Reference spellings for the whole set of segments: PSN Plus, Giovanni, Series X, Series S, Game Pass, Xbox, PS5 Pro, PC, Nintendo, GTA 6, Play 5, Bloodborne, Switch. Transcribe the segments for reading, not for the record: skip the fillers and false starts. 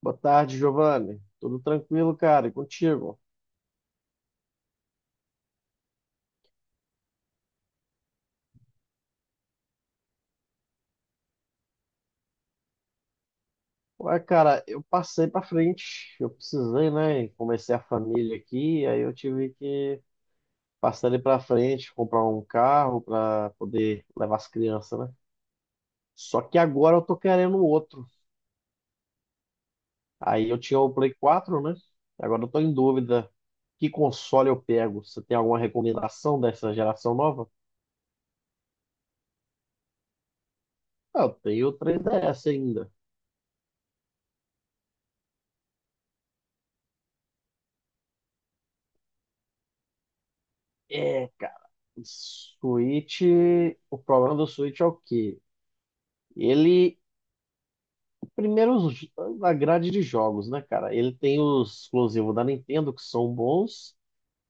Boa tarde, Giovanni. Tudo tranquilo, cara? E contigo? Ué, cara, eu passei pra frente. Eu precisei, né? E comecei a família aqui, aí eu tive que passar ali pra frente, comprar um carro pra poder levar as crianças, né? Só que agora eu tô querendo outro. Aí eu tinha o Play 4, né? Agora eu tô em dúvida. Que console eu pego? Você tem alguma recomendação dessa geração nova? Ah, eu tenho o 3DS ainda. É, cara, o Switch, o problema do Switch é o quê? Ele, primeiro, a grade de jogos, né, cara? Ele tem os exclusivos da Nintendo que são bons,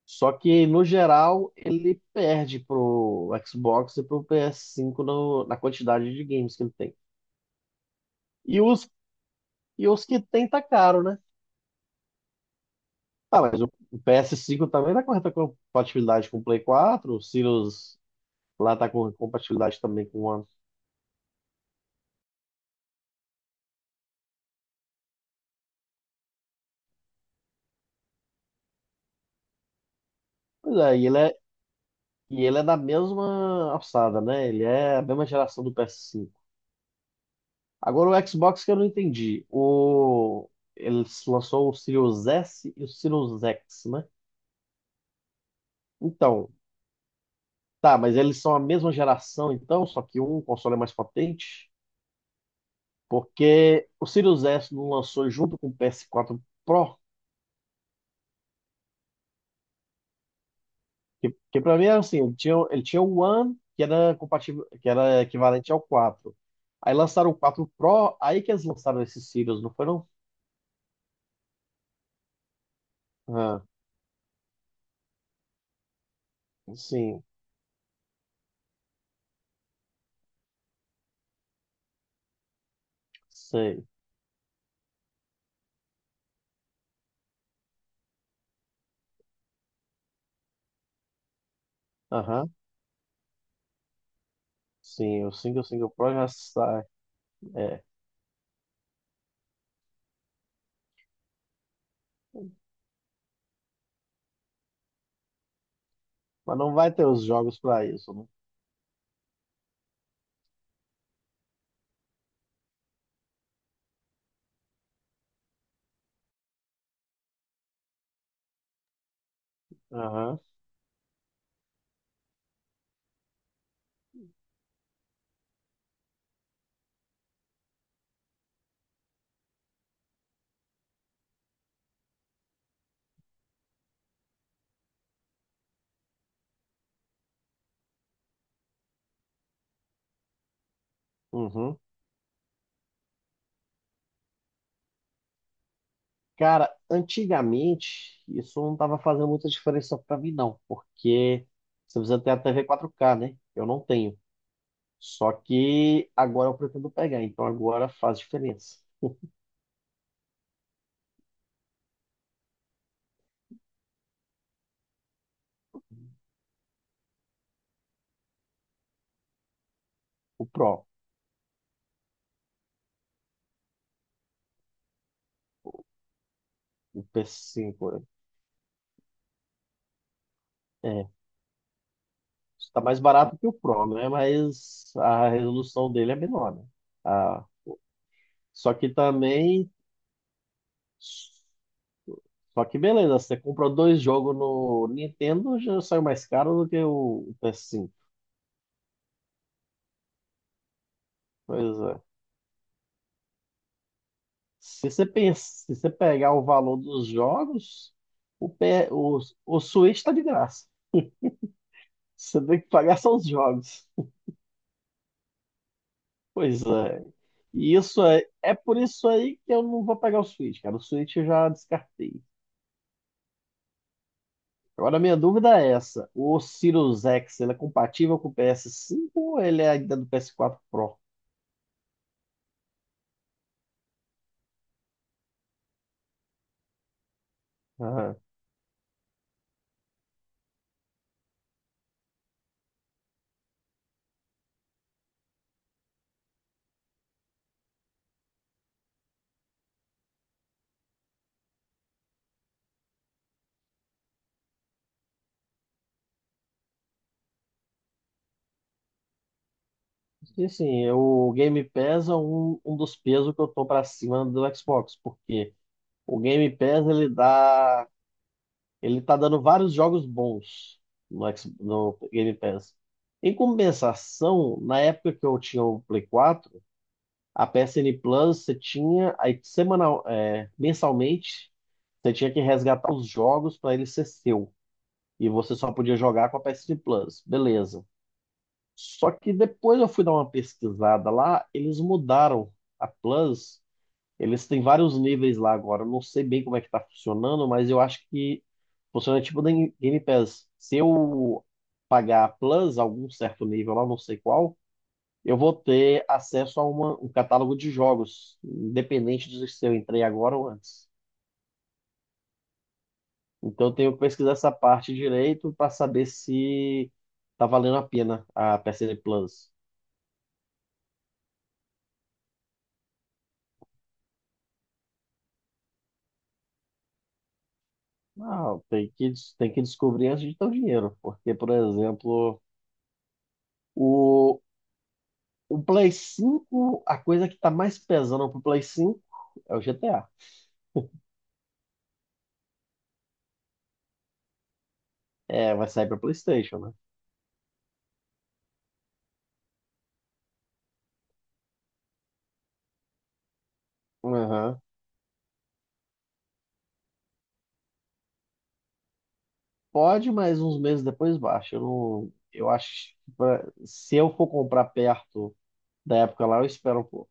só que, no geral, ele perde pro Xbox e pro PS5 na quantidade de games que ele tem. E os, e os que tem tá caro, né? Ah, mas o PS5 também tá com reta compatibilidade com o Play 4, o Sirius lá tá com compatibilidade também com o One. Pois é, e ele é da mesma alçada, né? Ele é a mesma geração do PS5. Agora o Xbox que eu não entendi. Ele lançou o Series S e o Series X, né? Então, tá, mas eles são a mesma geração, então, só que um console é mais potente. Porque o Series S não lançou junto com o PS4 Pro, que pra mim era assim, ele tinha o One, que era compatível, que era equivalente ao quatro. Aí lançaram o 4 Pro, aí que eles lançaram esse Series, não foi não? Ah, sim. Sei. Aham. Sim, o single pro já sai. É. Mas não vai ter os jogos pra isso, né? Aham. Uhum. Cara, antigamente isso não tava fazendo muita diferença pra mim, não, porque você precisa ter a TV 4K, né? Eu não tenho. Só que agora eu pretendo pegar, então agora faz diferença. O Pro, o p cinco, né? É. Está mais barato que o Pro, né? Mas a resolução dele é menor, né? Ah, só que também. Só que beleza, você comprou dois jogos no Nintendo, já saiu mais caro do que o PS5. Pois é. Se você pensa, se você pegar o valor dos jogos, o, P, o, o Switch tá de graça. Você tem que pagar só os jogos. Pois é. E isso é por isso aí que eu não vou pegar o Switch, cara. O Switch eu já descartei. Agora, a minha dúvida é essa: o Sirius X ele é compatível com o PS5 ou ele é ainda do PS4 Pro? Ah, e assim, o Game Pass é um dos pesos que eu tô pra cima do Xbox, porque o Game Pass ele tá dando vários jogos bons no Game Pass. Em compensação, na época que eu tinha o Play 4, a PSN Plus você tinha aí semanal, é, mensalmente, você tinha que resgatar os jogos para ele ser seu. E você só podia jogar com a PSN Plus. Beleza. Só que depois eu fui dar uma pesquisada lá, eles mudaram a Plus. Eles têm vários níveis lá agora. Eu não sei bem como é que tá funcionando, mas eu acho que funciona tipo da Game Pass. Se eu pagar a Plus, algum certo nível lá, não sei qual, eu vou ter acesso a um catálogo de jogos, independente de se eu entrei agora ou antes. Então eu tenho que pesquisar essa parte direito para saber se tá valendo a pena a PSN Plus. Não, tem que descobrir antes de ter o dinheiro, porque, por exemplo, o, o Play 5, a coisa que tá mais pesando pro Play 5 é o GTA. É, vai sair pra PlayStation, né? Aham. Pode, mas uns meses depois baixa. Eu, não, eu acho que se eu for comprar perto da época lá, eu espero um pouco.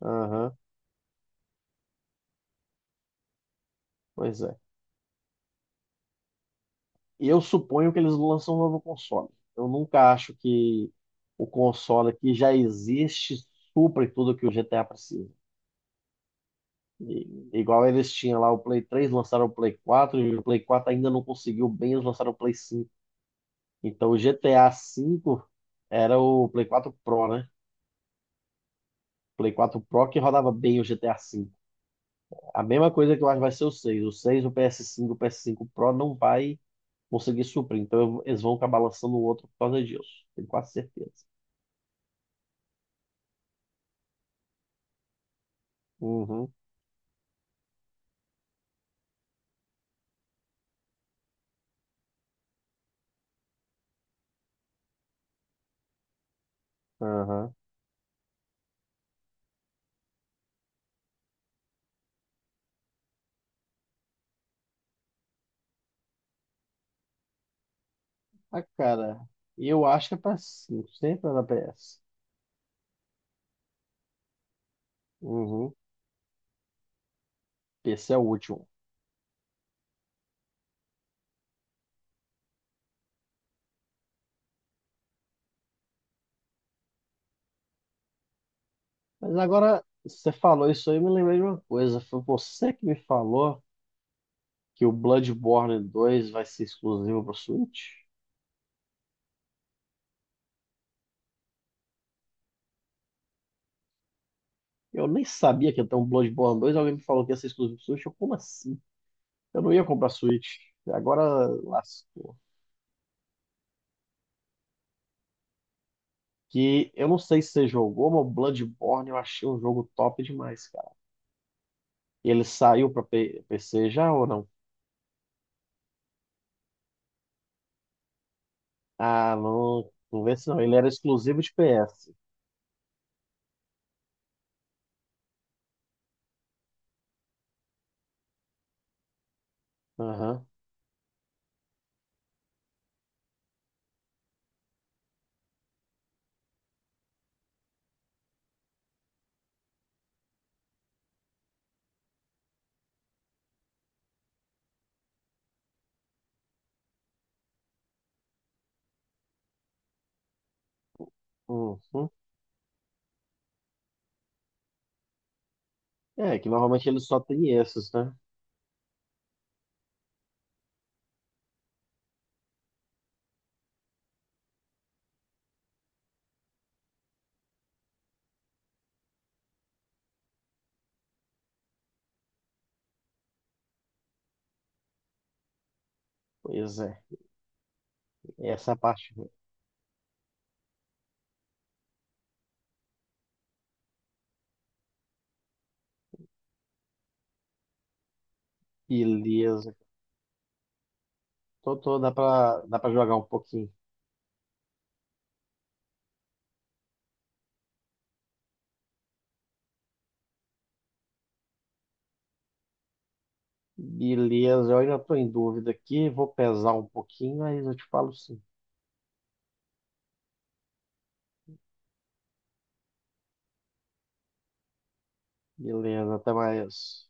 Aham, pois é. E eu suponho que eles lançam um novo console. Eu nunca acho que o console que já existe supre tudo que o GTA precisa. Igual eles tinham lá o Play 3, lançaram o Play 4, e o Play 4 ainda não conseguiu bem, eles lançaram o Play 5. Então o GTA V era o Play 4 Pro, né? Play 4 Pro que rodava bem o GTA V. A cinco. A mesma coisa que eu acho que vai ser o 6. O 6, o PS5, o PS5 Pro não vai conseguir suprir. Então eles vão acabar lançando o outro por causa disso. Tenho quase certeza. Uhum, aham. Ah, cara, eu acho que é PS5, sempre é da PS. Uhum. PC é o último. Mas agora você falou isso aí, eu me lembrei de uma coisa. Foi você que me falou que o Bloodborne 2 vai ser exclusivo pro Switch? Eu nem sabia que ia ter um Bloodborne 2, alguém me falou que ia ser exclusivo pro Switch. Eu, como assim? Eu não ia comprar Switch. Agora lascou. Que eu não sei se você jogou, mas o Bloodborne eu achei um jogo top demais, cara. Ele saiu pra PC já ou não? Ah, não, não vê se não. Ele era exclusivo de PS. Aham. Uhum. É, que normalmente ele só tem esses, né? Pois é, essa parte, beleza. Tô, dá pra jogar um pouquinho. Beleza, eu ainda tô em dúvida aqui, vou pesar um pouquinho, mas eu te falo sim. Beleza, até mais.